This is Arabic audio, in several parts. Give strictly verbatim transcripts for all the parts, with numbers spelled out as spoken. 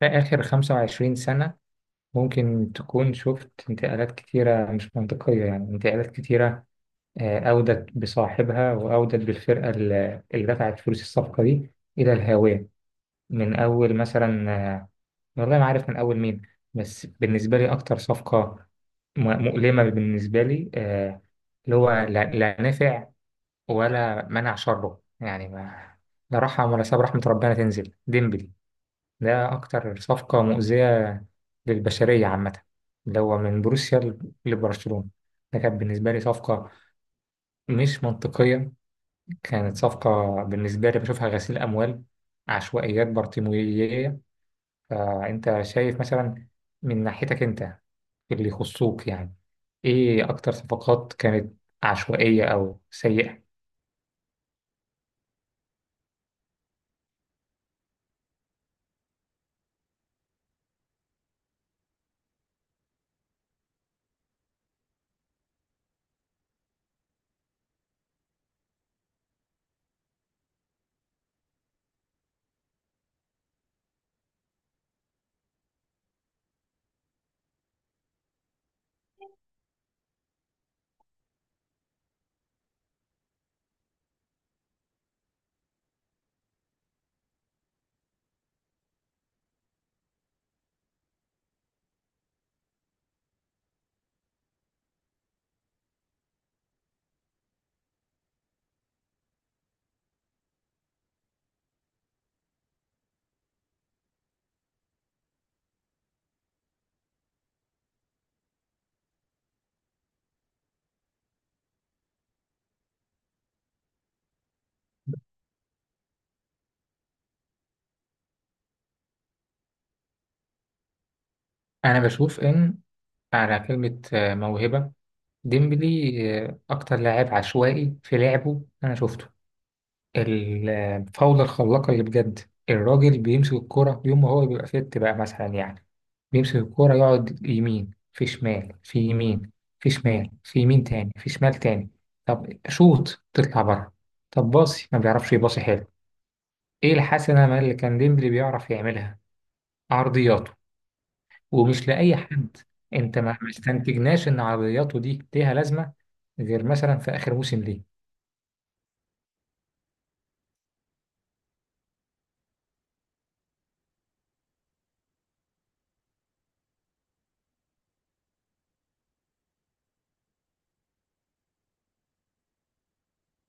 في آخر خمسة وعشرين سنة ممكن تكون شفت انتقالات كتيرة مش منطقية، يعني انتقالات كتيرة آه، أودت بصاحبها وأودت بالفرقة ال- اللي دفعت فلوس الصفقة دي إلى الهاوية. من أول مثلا آه، والله ما عارف من أول مين. بس بالنسبة لي أكتر صفقة م- مؤلمة بالنسبة لي آه، اللي هو لا لا نفع ولا منع شره، يعني ما لا رحم ولا ساب رحمة ربنا تنزل ديمبلي. ده أكتر صفقة مؤذية للبشرية عامة، اللي هو من بروسيا ل- لبرشلونة. ده كانت بالنسبة لي صفقة مش منطقية، كانت صفقة بالنسبة لي بشوفها غسيل أموال، عشوائيات بارتيموية. فأنت شايف مثلا من ناحيتك أنت في اللي يخصوك، يعني إيه أكتر صفقات كانت عشوائية أو سيئة؟ أنا بشوف إن على كلمة آه، موهبة، ديمبلي آه، أكتر لاعب عشوائي في لعبه أنا شفته. الفاولة الخلاقة اللي بجد الراجل بيمسك الكرة يوم ما هو بيبقى فيت بقى، مثلا يعني بيمسك الكرة يقعد يمين في شمال، في يمين في شمال، في يمين تاني في شمال تاني. طب شوط تطلع بره، طب باصي ما بيعرفش يباصي حلو. ايه الحسنة ما اللي كان ديمبلي بيعرف يعملها؟ عرضياته، ومش لأي حد. انت ما ما استنتجناش ان عرضياته دي ليها لازمة غير مثلا في آخر موسم ليه.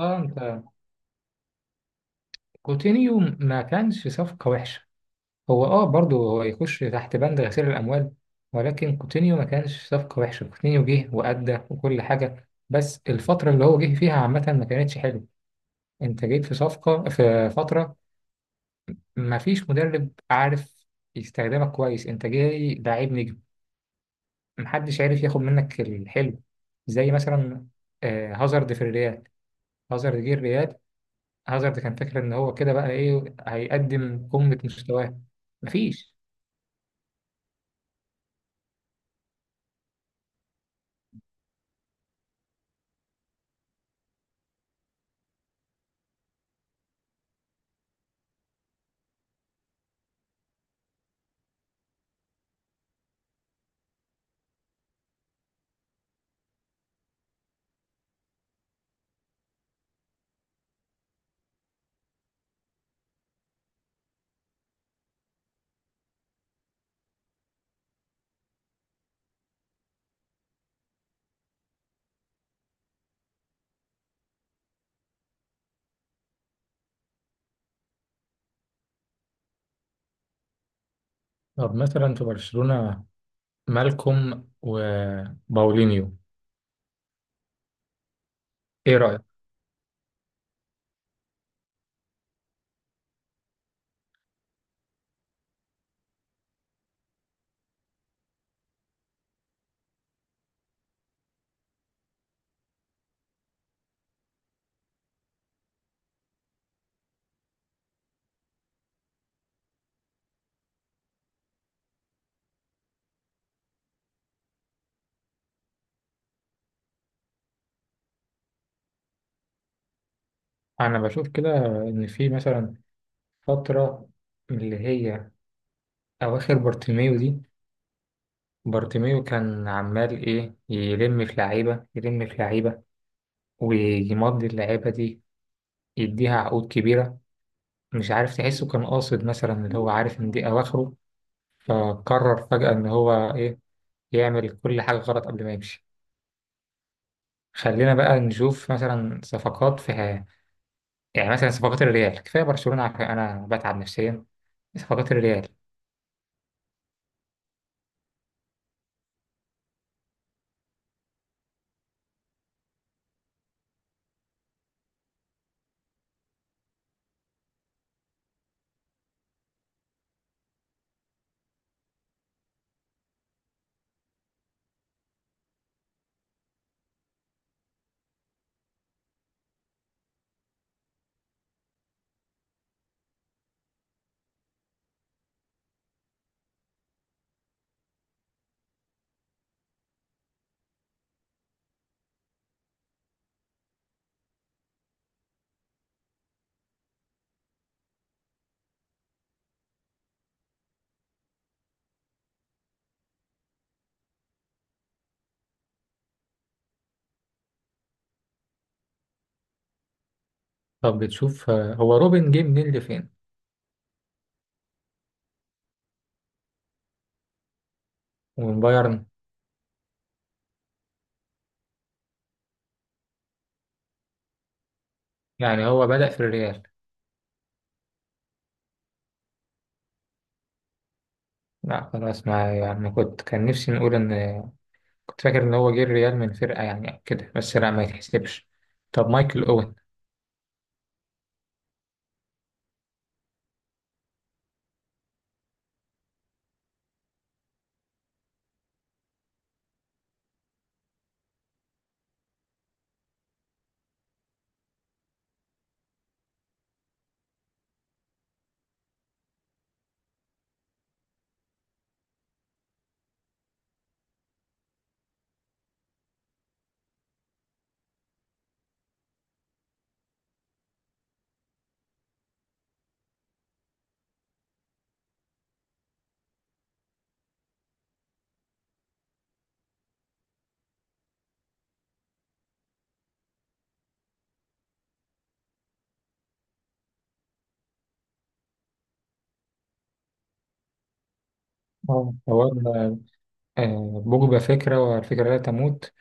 اه انت كوتينيو ما كانش صفقة وحشة. هو اه برضه هو يخش تحت بند غسيل الاموال، ولكن كوتينيو ما كانش صفقه وحشه. كوتينيو جه وادى وكل حاجه، بس الفتره اللي هو جه فيها عامه ما كانتش حلوه. انت جيت في صفقه في فتره ما فيش مدرب عارف يستخدمك كويس، انت جاي لعيب نجم محدش عارف ياخد منك الحلو. زي مثلا آه، هازارد في الريال. هازارد جه الريال، هازارد كان فاكر ان هو كده بقى ايه هيقدم قمه مستواه. مفيش. طب مثلا في برشلونة، مالكوم وباولينيو، ايه رأيك؟ انا بشوف كده ان في مثلا فترة اللي هي اواخر بارتيميو دي، بارتيميو كان عمال ايه يلم في لعيبة يلم في لعيبة، ويمضي اللعيبة دي يديها عقود كبيرة. مش عارف، تحسه كان قاصد مثلا اللي هو عارف ان دي اواخره، فقرر فجأة ان هو ايه يعمل كل حاجة غلط قبل ما يمشي. خلينا بقى نشوف مثلا صفقات في، يعني مثلا صفقات الريال، كفايه برشلونه، عارف انا بتعب نفسيا. صفقات الريال. طب بتشوف آه، هو روبن جه منين لفين؟ ومن بايرن. يعني هو بدأ في الريال؟ لا خلاص ما يعني، ما كنت كان نفسي نقول ان، كنت فاكر ان هو جه الريال من فرقه يعني كده، بس لا ما يتحسبش. طب مايكل اوين؟ اه هو آه، بوجبا فكره والفكره لا تموت،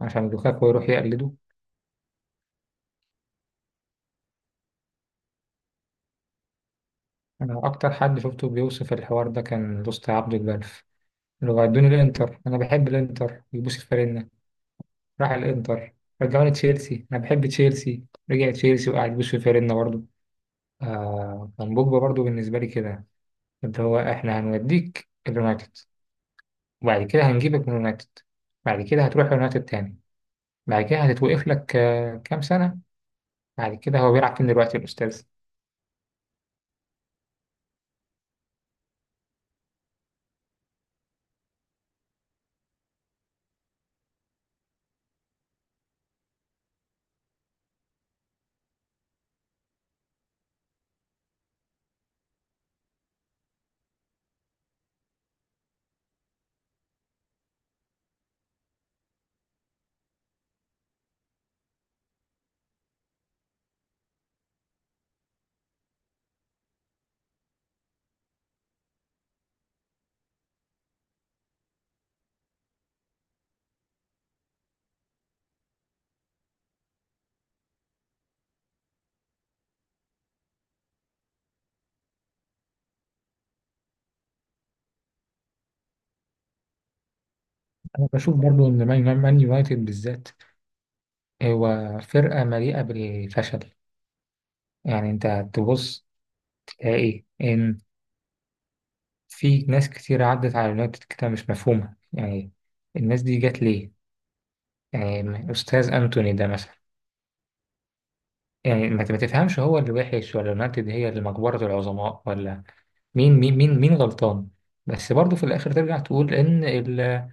عشان لوكاكو يروح يقلده. انا اكتر حد شفته بيوصف الحوار ده كان دوست عبد البلف، اللي هو ادوني الانتر انا بحب الانتر يبوس الفريق، راح الانتر رجعوني تشيلسي انا بحب تشيلسي، رجع تشيلسي وقعد بوش في فيرنا برضه. آه كان بوجبا برضه بالنسبه لي كده، اللي هو احنا هنوديك اليونايتد، وبعد كده هنجيبك من اليونايتد، بعد كده هتروح اليونايتد تاني، بعد كده هتتوقف لك آه كام سنه، بعد كده هو بيلعب فين دلوقتي الأستاذ؟ أنا بشوف برضو إن مان مان يونايتد بالذات هو فرقة مليئة بالفشل. يعني أنت تبص تلاقي إن في ناس كتير عدت على يونايتد كده مش مفهومة، يعني الناس دي جت ليه؟ يعني أستاذ أنتوني ده مثلا، يعني ما ما تفهمش هو اللي وحش ولا يونايتد هي اللي مقبرة العظماء ولا مين مين مين مين غلطان. بس برضه في الآخر ترجع تقول إن ال-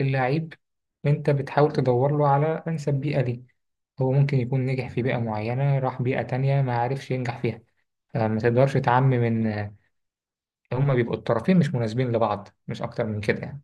اللعيب أنت بتحاول تدور له على أنسب بيئة ليه. هو ممكن يكون نجح في بيئة معينة، راح بيئة تانية ما عرفش ينجح فيها. فما تقدرش تعمم، إن هما بيبقوا الطرفين مش مناسبين لبعض، مش أكتر من كده يعني.